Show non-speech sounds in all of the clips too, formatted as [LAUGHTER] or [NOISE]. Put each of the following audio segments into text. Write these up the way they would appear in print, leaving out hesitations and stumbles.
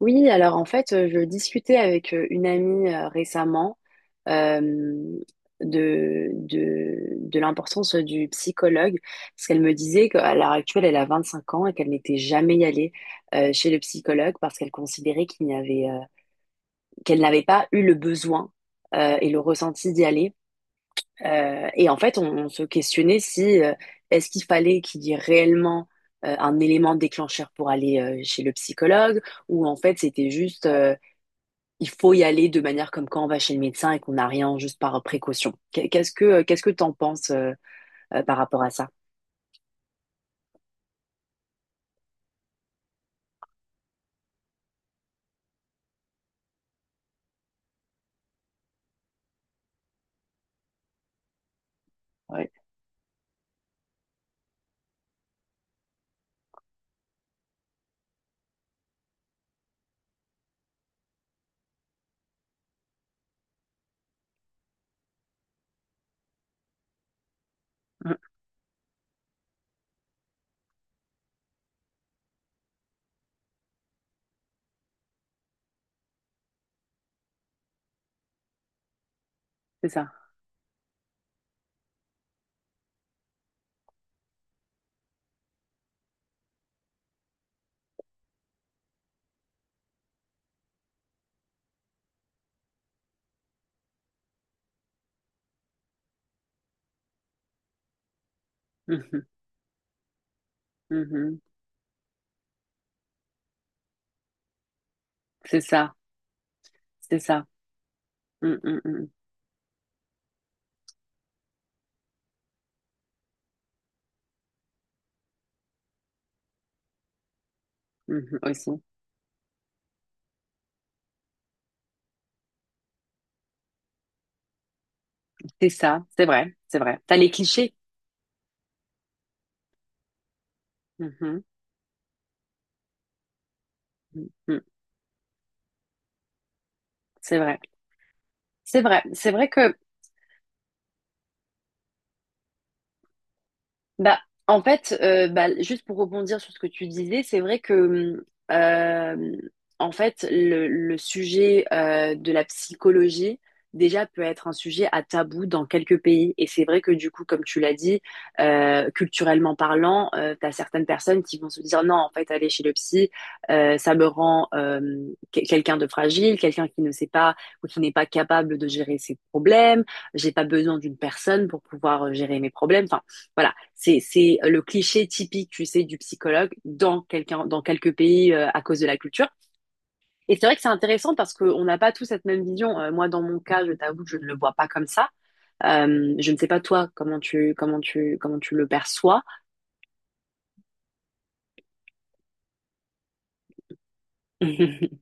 Oui, alors en fait, je discutais avec une amie récemment euh, de l'importance du psychologue, parce qu'elle me disait qu'à l'heure actuelle, elle a 25 ans et qu'elle n'était jamais allée chez le psychologue parce qu'elle considérait qu'elle n'avait pas eu le besoin et le ressenti d'y aller. Et en fait, on se questionnait si est-ce qu'il fallait qu'il y ait réellement un élément déclencheur pour aller chez le psychologue, ou en fait, c'était juste, il faut y aller de manière comme quand on va chez le médecin et qu'on n'a rien, juste par précaution. Qu'est-ce que t'en penses, par rapport à ça? Ouais. Mm. C'est ça. Mhm, mhm. C'est ça. C'est ça. Mm, mm, mm, mhm, aussi. C'est ça. C'est vrai. C'est vrai. T'as les clichés. Mhm, mm, mm. C'est vrai. C'est vrai. C'est vrai que Bah, en fait, bah, juste pour rebondir sur ce que tu disais, c'est vrai que, en fait, le sujet de la psychologie, déjà, peut être un sujet à tabou dans quelques pays. Et c'est vrai que, du coup, comme tu l'as dit, culturellement parlant, tu as certaines personnes qui vont se dire non, en fait, aller chez le psy, ça me rend quelqu'un de fragile, quelqu'un qui ne sait pas ou qui n'est pas capable de gérer ses problèmes. J'ai pas besoin d'une personne pour pouvoir gérer mes problèmes. Enfin, voilà, c'est le cliché typique, tu sais, du psychologue, dans quelques pays, à cause de la culture. Et c'est vrai que c'est intéressant parce qu'on n'a pas tous cette même vision. Moi, dans mon cas, je t'avoue que je ne le vois pas comme ça. Je ne sais pas toi comment tu le perçois. [LAUGHS]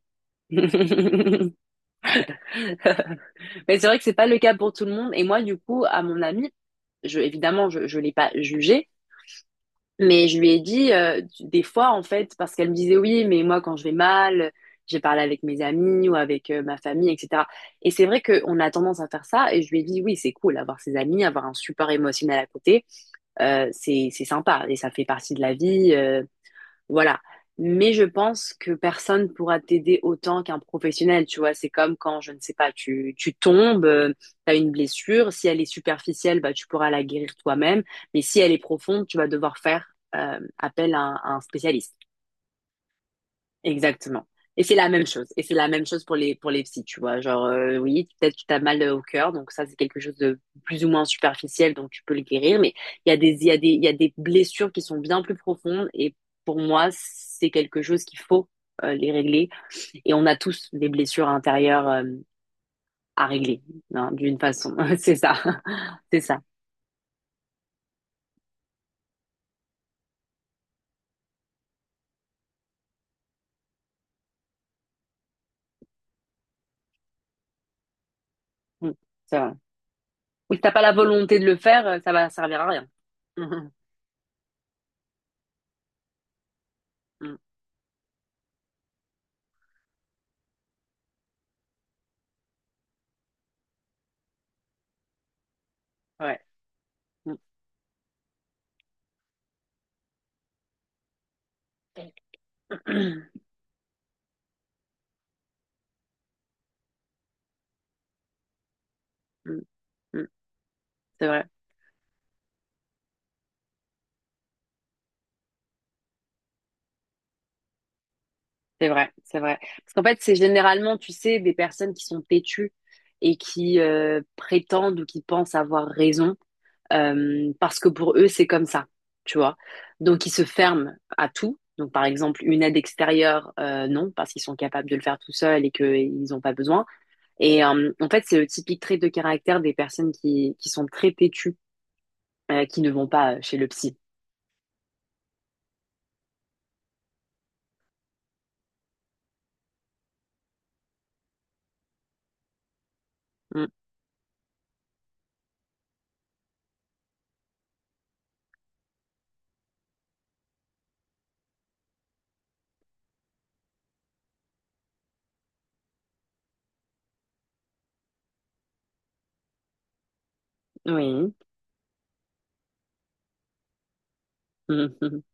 Mais c'est vrai que c'est pas le cas pour tout le monde. Et moi, du coup, à mon ami, je évidemment, je l'ai pas jugé. Mais je lui ai dit des fois, en fait, parce qu'elle me disait oui, mais moi, quand je vais mal, j'ai parlé avec mes amis ou avec ma famille, etc. Et c'est vrai qu'on a tendance à faire ça. Et je lui ai dit oui, c'est cool, avoir ses amis, avoir un support émotionnel à côté, c'est sympa et ça fait partie de la vie. Voilà. Mais je pense que personne pourra t'aider autant qu'un professionnel, tu vois. C'est comme quand, je ne sais pas, tu tombes, t'as une blessure. Si elle est superficielle, bah, tu pourras la guérir toi-même. Mais si elle est profonde, tu vas devoir faire appel à un spécialiste. Exactement. Et c'est la même chose. Et c'est la même chose pour les psys, tu vois. Genre, oui, peut-être que tu as mal au cœur, donc ça, c'est quelque chose de plus ou moins superficiel, donc tu peux le guérir. Mais il y a des blessures qui sont bien plus profondes. Et pour moi, c'est quelque chose qu'il faut les régler. Et on a tous des blessures intérieures à régler, hein, d'une façon. [LAUGHS] C'est ça. [LAUGHS] C'est ça. Mm. C'est vrai. Ou si t'as pas la volonté de le faire, ça va servir à rien. [LAUGHS] Mm. Mm. Ouais. Mm. [CLEARS THROAT] Mm. Mm. C'est vrai. C'est vrai, c'est vrai. Parce qu'en fait, c'est généralement, tu sais, des personnes qui sont têtues et qui prétendent ou qui pensent avoir raison, parce que pour eux, c'est comme ça, tu vois. Donc, ils se ferment à tout. Donc, par exemple, une aide extérieure, non, parce qu'ils sont capables de le faire tout seuls et qu'ils n'ont pas besoin. Et en fait, c'est le typique trait de caractère des personnes qui sont très têtues, qui ne vont pas chez le psy. Mm, oui, [LAUGHS]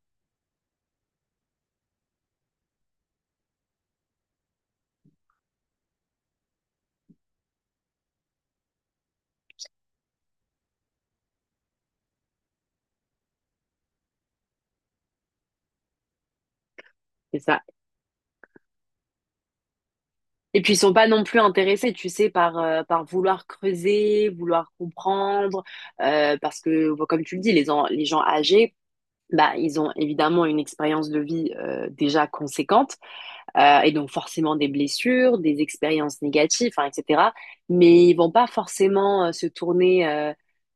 c'est ça. Et puis ils sont pas non plus intéressés, tu sais, par vouloir creuser, vouloir comprendre, parce que bon, comme tu le dis, les gens âgés, bah, ils ont évidemment une expérience de vie déjà conséquente, et donc forcément des blessures, des expériences négatives, hein, etc. Mais ils vont pas forcément se tourner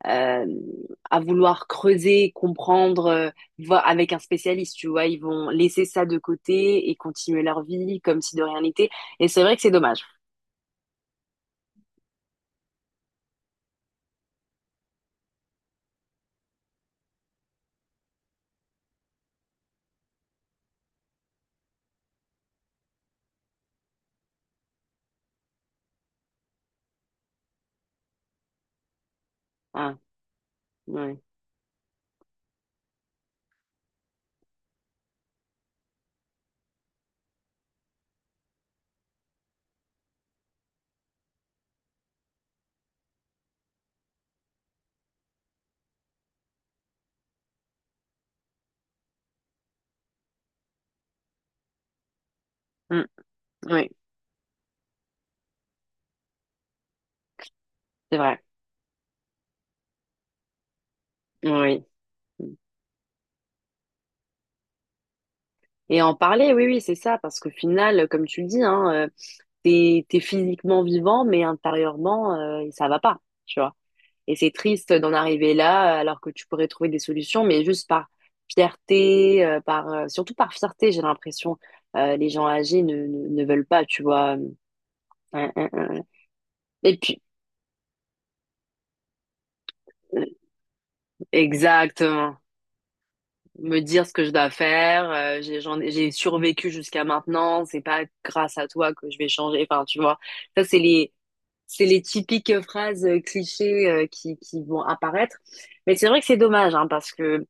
euh, à vouloir creuser, comprendre, voir avec un spécialiste, tu vois, ils vont laisser ça de côté et continuer leur vie comme si de rien n'était. Et c'est vrai que c'est dommage. Ah, oui. Mm, oui, c'est vrai. Oui. Et en parler, oui, oui, c'est ça, parce qu'au final, comme tu le dis, hein, t'es physiquement vivant, mais intérieurement, ça va pas, tu vois. Et c'est triste d'en arriver là, alors que tu pourrais trouver des solutions, mais juste par fierté, surtout par fierté, j'ai l'impression, les gens âgés ne veulent pas, tu vois. Euh, euh. euh. Et puis, euh, exactement. Me dire ce que je dois faire. J'ai survécu jusqu'à maintenant. C'est pas grâce à toi que je vais changer. Enfin, tu vois, ça, c'est les typiques phrases, clichés, qui vont apparaître. Mais c'est vrai que c'est dommage, hein, parce que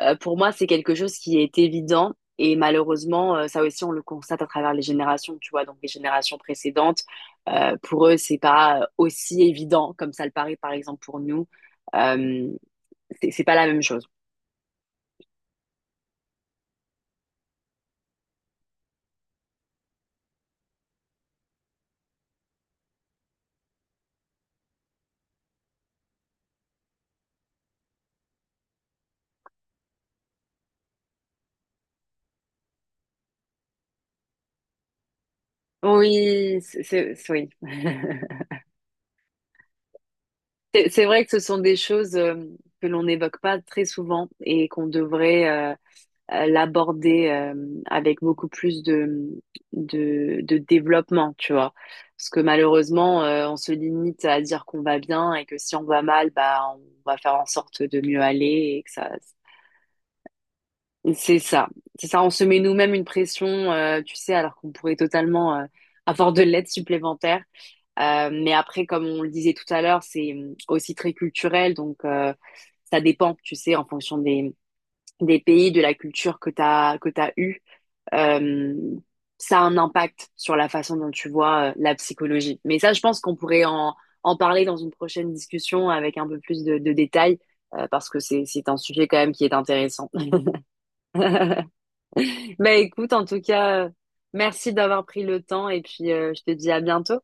pour moi, c'est quelque chose qui est évident. Et malheureusement, ça aussi, on le constate à travers les générations, tu vois. Donc, les générations précédentes, pour eux, c'est pas aussi évident comme ça le paraît, par exemple, pour nous. Euh, c'est pas la même chose. Oui, oui. [LAUGHS] C'est vrai que ce sont des choses, que l'on n'évoque pas très souvent et qu'on devrait, l'aborder, avec beaucoup plus de développement, tu vois. Parce que malheureusement, on se limite à dire qu'on va bien et que si on va mal, bah, on va faire en sorte de mieux aller et que ça. C'est ça. C'est ça, on se met nous-mêmes une pression, tu sais, alors qu'on pourrait totalement avoir de l'aide supplémentaire. Mais après, comme on le disait tout à l'heure, c'est aussi très culturel, donc ça dépend, tu sais, en fonction des pays, de la culture que t'as eue. Euh, ça a un impact sur la façon dont tu vois, la psychologie. Mais ça, je pense qu'on pourrait en parler dans une prochaine discussion avec un peu plus de détails, parce que c'est un sujet quand même qui est intéressant. [LAUGHS] Bah écoute, en tout cas, merci d'avoir pris le temps et puis je te dis à bientôt.